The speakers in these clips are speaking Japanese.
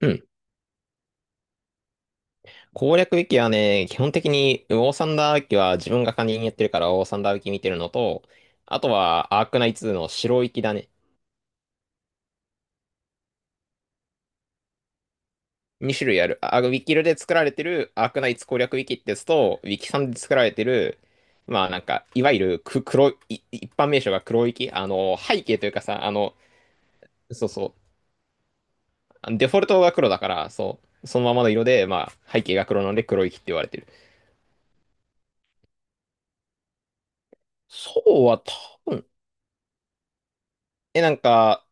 うん。攻略ウィキはね、基本的に、ウォーサンダーウィキは自分が管理人やってるから、ウォーサンダーウィキ見てるのと、あとは、アークナイツの白ウィキだね。2種類ある。あ、ウィキルで作られてるアークナイツ攻略ウィキってやつと、ウィキさんで作られてる、まあなんか、いわゆる黒い、一般名称が黒ウィキ。背景というかさ、そうそう。デフォルトが黒だから、そう。そのままの色で、まあ、背景が黒なので黒ウィキって言われてる。そうは多分、なんか、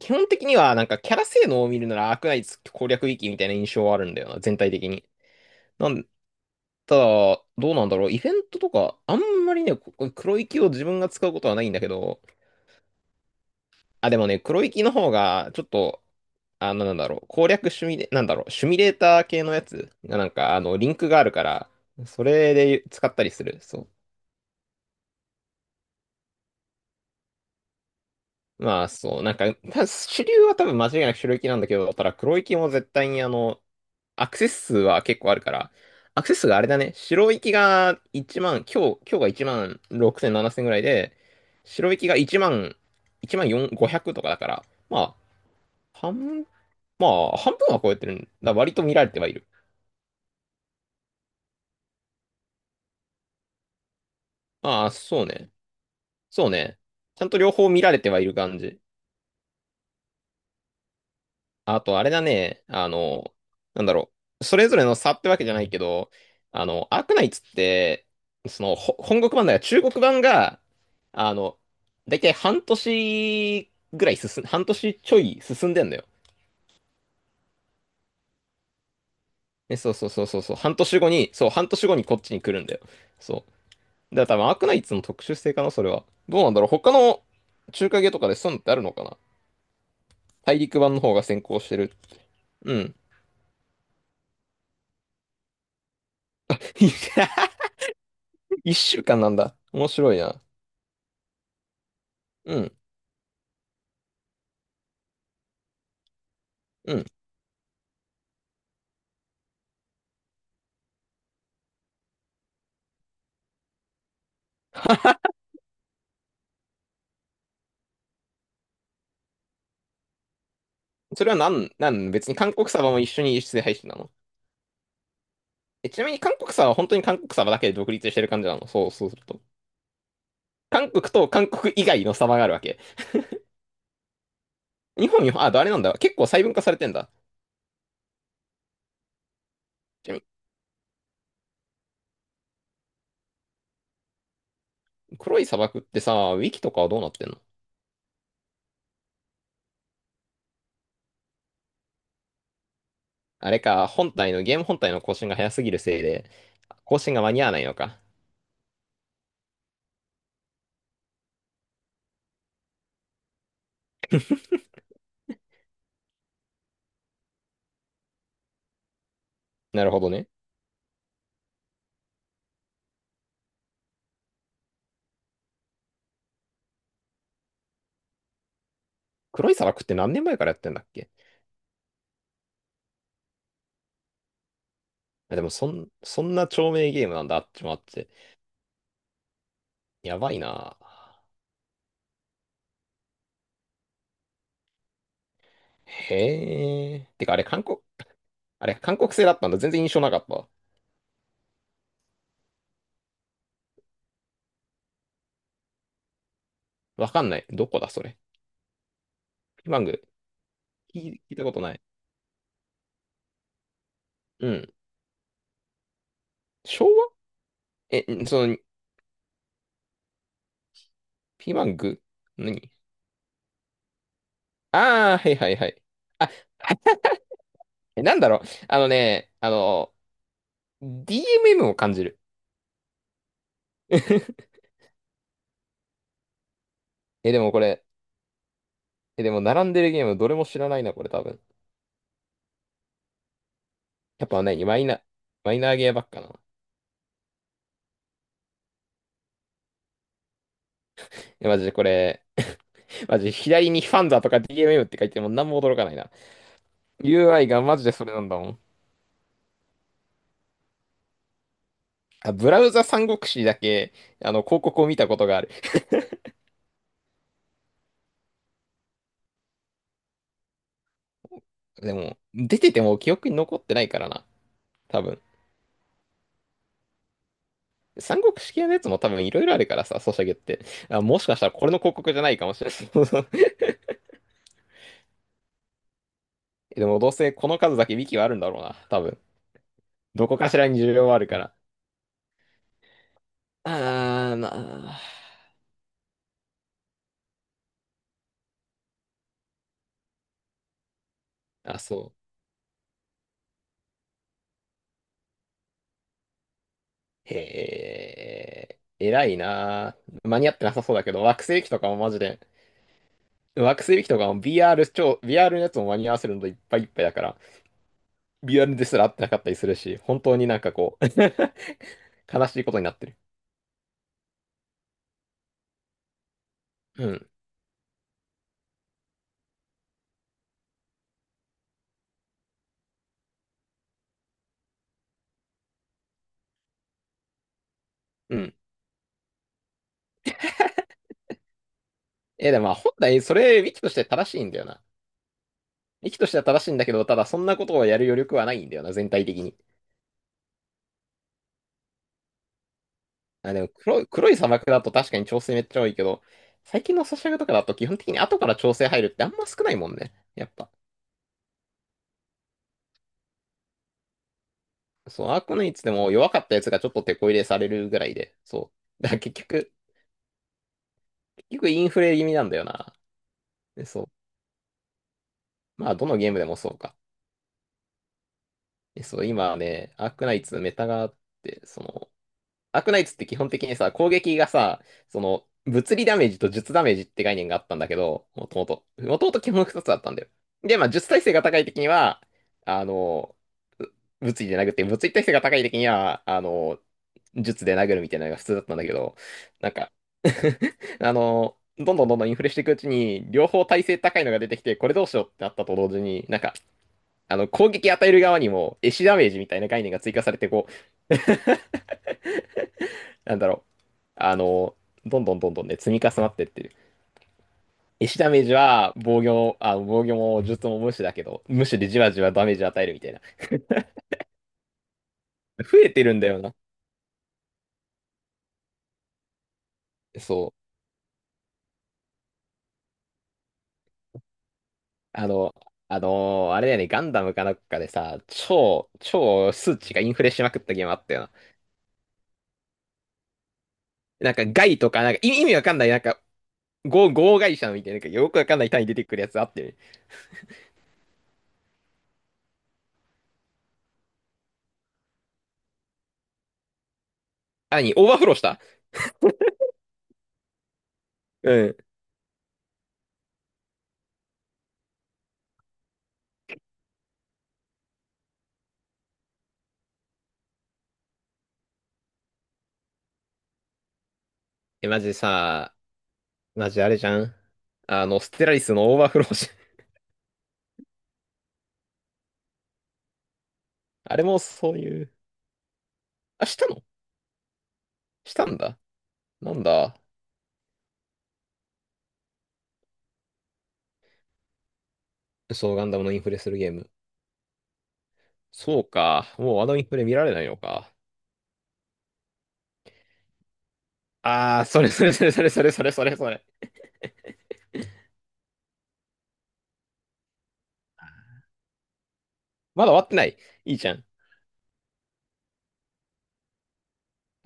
基本的には、なんかキャラ性能を見るならアークナイツ攻略域みたいな印象はあるんだよな、全体的に。なん、ただ、どうなんだろう、イベントとか、あんまりね、ここ黒域を自分が使うことはないんだけど、あ、でもね、黒域の方が、ちょっと、あの、なんだろう、攻略シミュレ、なんだろう、シミュレーター系のやつが、なんか、リンクがあるから、それで使ったりする。そう。まあ、そう、なんか、主流は多分間違いなく白域なんだけど、ただ黒域も絶対にアクセス数は結構あるから、アクセス数があれだね、白行きが1万、今日が1万6000、7000ぐらいで、白行きが1万、1万4、500とかだから、まあ、半、まあ、半分は超えてるんだ。割と見られてはいる。ああ、そうね。そうね。ちゃんと両方見られてはいる感じ。あと、あれだね。なんだろう。それぞれの差ってわけじゃないけど、アークナイツって、本国版だから中国版が、あの、だいたい半年ちょい進んでんだよ。ね、そうそうそうそうそう。半年後に、そう、半年後にこっちに来るんだよ。そう。だから多分アークナイツの特殊性かな、それは。どうなんだろう。他の中華系とかでそういうのってあるのかな。大陸版の方が先行してる。うん。1週間なんだ。面白いな。うん。うん。それはなん、なん、別に韓国サバも一緒に輸出で配信なの？ちなみに韓国サバは本当に韓国サバだけで独立してる感じなの？そう、そうすると。韓国と韓国以外のサバがあるわけ。日本、あ、あれなんだ。結構細分化されてんだ。ちなみに、黒い砂漠ってさ、ウィキとかはどうなってんの？あれか、本体の、ゲーム本体の更新が早すぎるせいで、更新が間に合わないのか。なるほどね。黒い砂漠って何年前からやってんだっけ？あ、でも、そんな長命ゲームなんだ、あっちもあって。やばいな。へえ。てか、あれ、韓国製だったんだ。全然印象なかったわ。わかんない。どこだ、それ。ピマング。聞いたことない。うん。昭和。え、その、ピマング何？ああー、はいはいはい。あ、なんだろう。あのね、DMM を感じる。え、でもこれ、え、でも並んでるゲームどれも知らないな、これ多分。やっぱね、マイナーゲーばっかな。え、マジでこれ、マジで左にファンザとか DMM って書いても何も驚かないな。UI がマジでそれなんだもん。あ、ブラウザ三国志だけ、広告を見たことがある。でも、出てても記憶に残ってないからな。多分。三国志系のやつも多分いろいろあるからさ、ソシャゲって。あ、もしかしたらこれの広告じゃないかもしれない。でもどうせこの数だけウィキはあるんだろうな。多分。どこかしらに需要はあるから。あー、なあ。あ、そう。へえ。偉いなあ。間に合ってなさそうだけど、惑星機とかもマジで。惑星機とかも VR のやつも間に合わせるのといっぱいいっぱいだから。リアルですら合ってなかったりするし、本当になんかこう 悲しいことになってる。うん。うん。でもまあ本来それ、ウィキとして正しいんだよな。ウィキとしては正しいんだけど、ただそんなことをやる余力はないんだよな、全体的に。あ、でも黒い砂漠だと確かに調整めっちゃ多いけど、最近のソシャゲとかだと基本的に後から調整入るってあんま少ないもんね。やっぱ。そう、アークナイツでも弱かったやつがちょっと手こ入れされるぐらいで、そう。だから結局インフレ気味なんだよな。でそう。まあどのゲームでもそうか。そう、今ね、アークナイツメタがあって、アークナイツって基本的にさ、攻撃がさ、物理ダメージと術ダメージって概念があったんだけど、もともと。もともと基本2つあったんだよ。で、まあ、術耐性が高い時には、あの、う物理で殴って、物理耐性が高い時には、術で殴るみたいなのが普通だったんだけど、なんか、どんどんどんどんインフレしていくうちに、両方耐性高いのが出てきて、これどうしようってなったと同時に、なんか、攻撃与える側にも、エシダメージみたいな概念が追加されて、なんだろう、あの、どんどんどんどんね、積み重なってってる。石ダメージは防御も術も無視だけど、無視でじわじわダメージ与えるみたいな。増えてるんだよな。そう。あの、あれだよね、ガンダムかなんかでさ、超数値がインフレしまくったゲームあったよな。なんかガイとか、なんか意味わかんない、なんか、合会社みたいな、なんかよくわかんない単位出てくるやつあってる。あ、オーバーフローした。うん。え、マジさ、マジあれじゃん。ステラリスのオーバーフローし、あれもそういう、あ、したの？したんだ。なんだ。そう、ガンダムのインフレするゲーム。そうか。もうあのインフレ見られないのか。あー、それそれそれそれそれそれそれそれ。まだ終わってない。いいじゃん。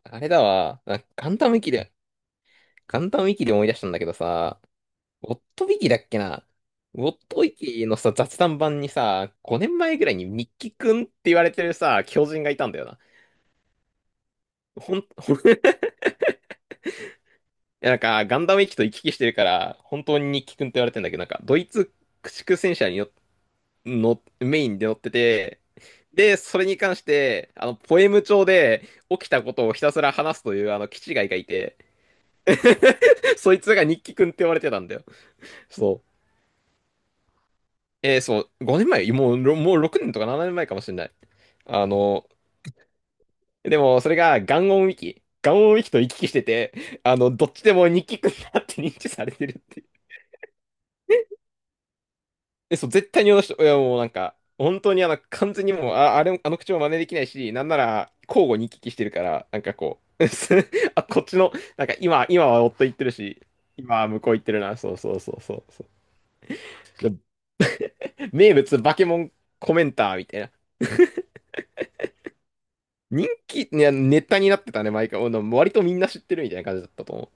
あれだわ。あ、ガンダムウィキで思い出したんだけどさ、ウォットウィキだっけな。ウォットウィキのさ、雑談版にさ、5年前ぐらいにミッキーくんって言われてるさ、狂人がいたんだよな。ほん、ほん いや、なんか、ガンダム駅と行き来してるから、本当に日記くんって言われてんだけど、なんか、ドイツ駆逐戦車によの、メインで乗ってて、で、それに関して、ポエム帳で起きたことをひたすら話すという、キチガイがいて、そいつが日記くんって言われてたんだよ。そう。そう、5年前、もう、もう6年とか7年前かもしれない。あの、でも、それが、ガンオンウィキと行き来してて、どっちでも日記くんだって認知されてるってそう、絶対にあの人、いやもうなんか、本当に完全にもう、あ、あれ、あの口も真似できないし、なんなら、交互に行き来してるから、なんかこう、あ、こっちの、なんか今は夫行ってるし、今は向こう行ってるな、そうそうそうそうそう。で名物、バケモンコメンターみたいな。人気、いや、ネタになってたね、毎回。もう割とみんな知ってるみたいな感じだったと思う。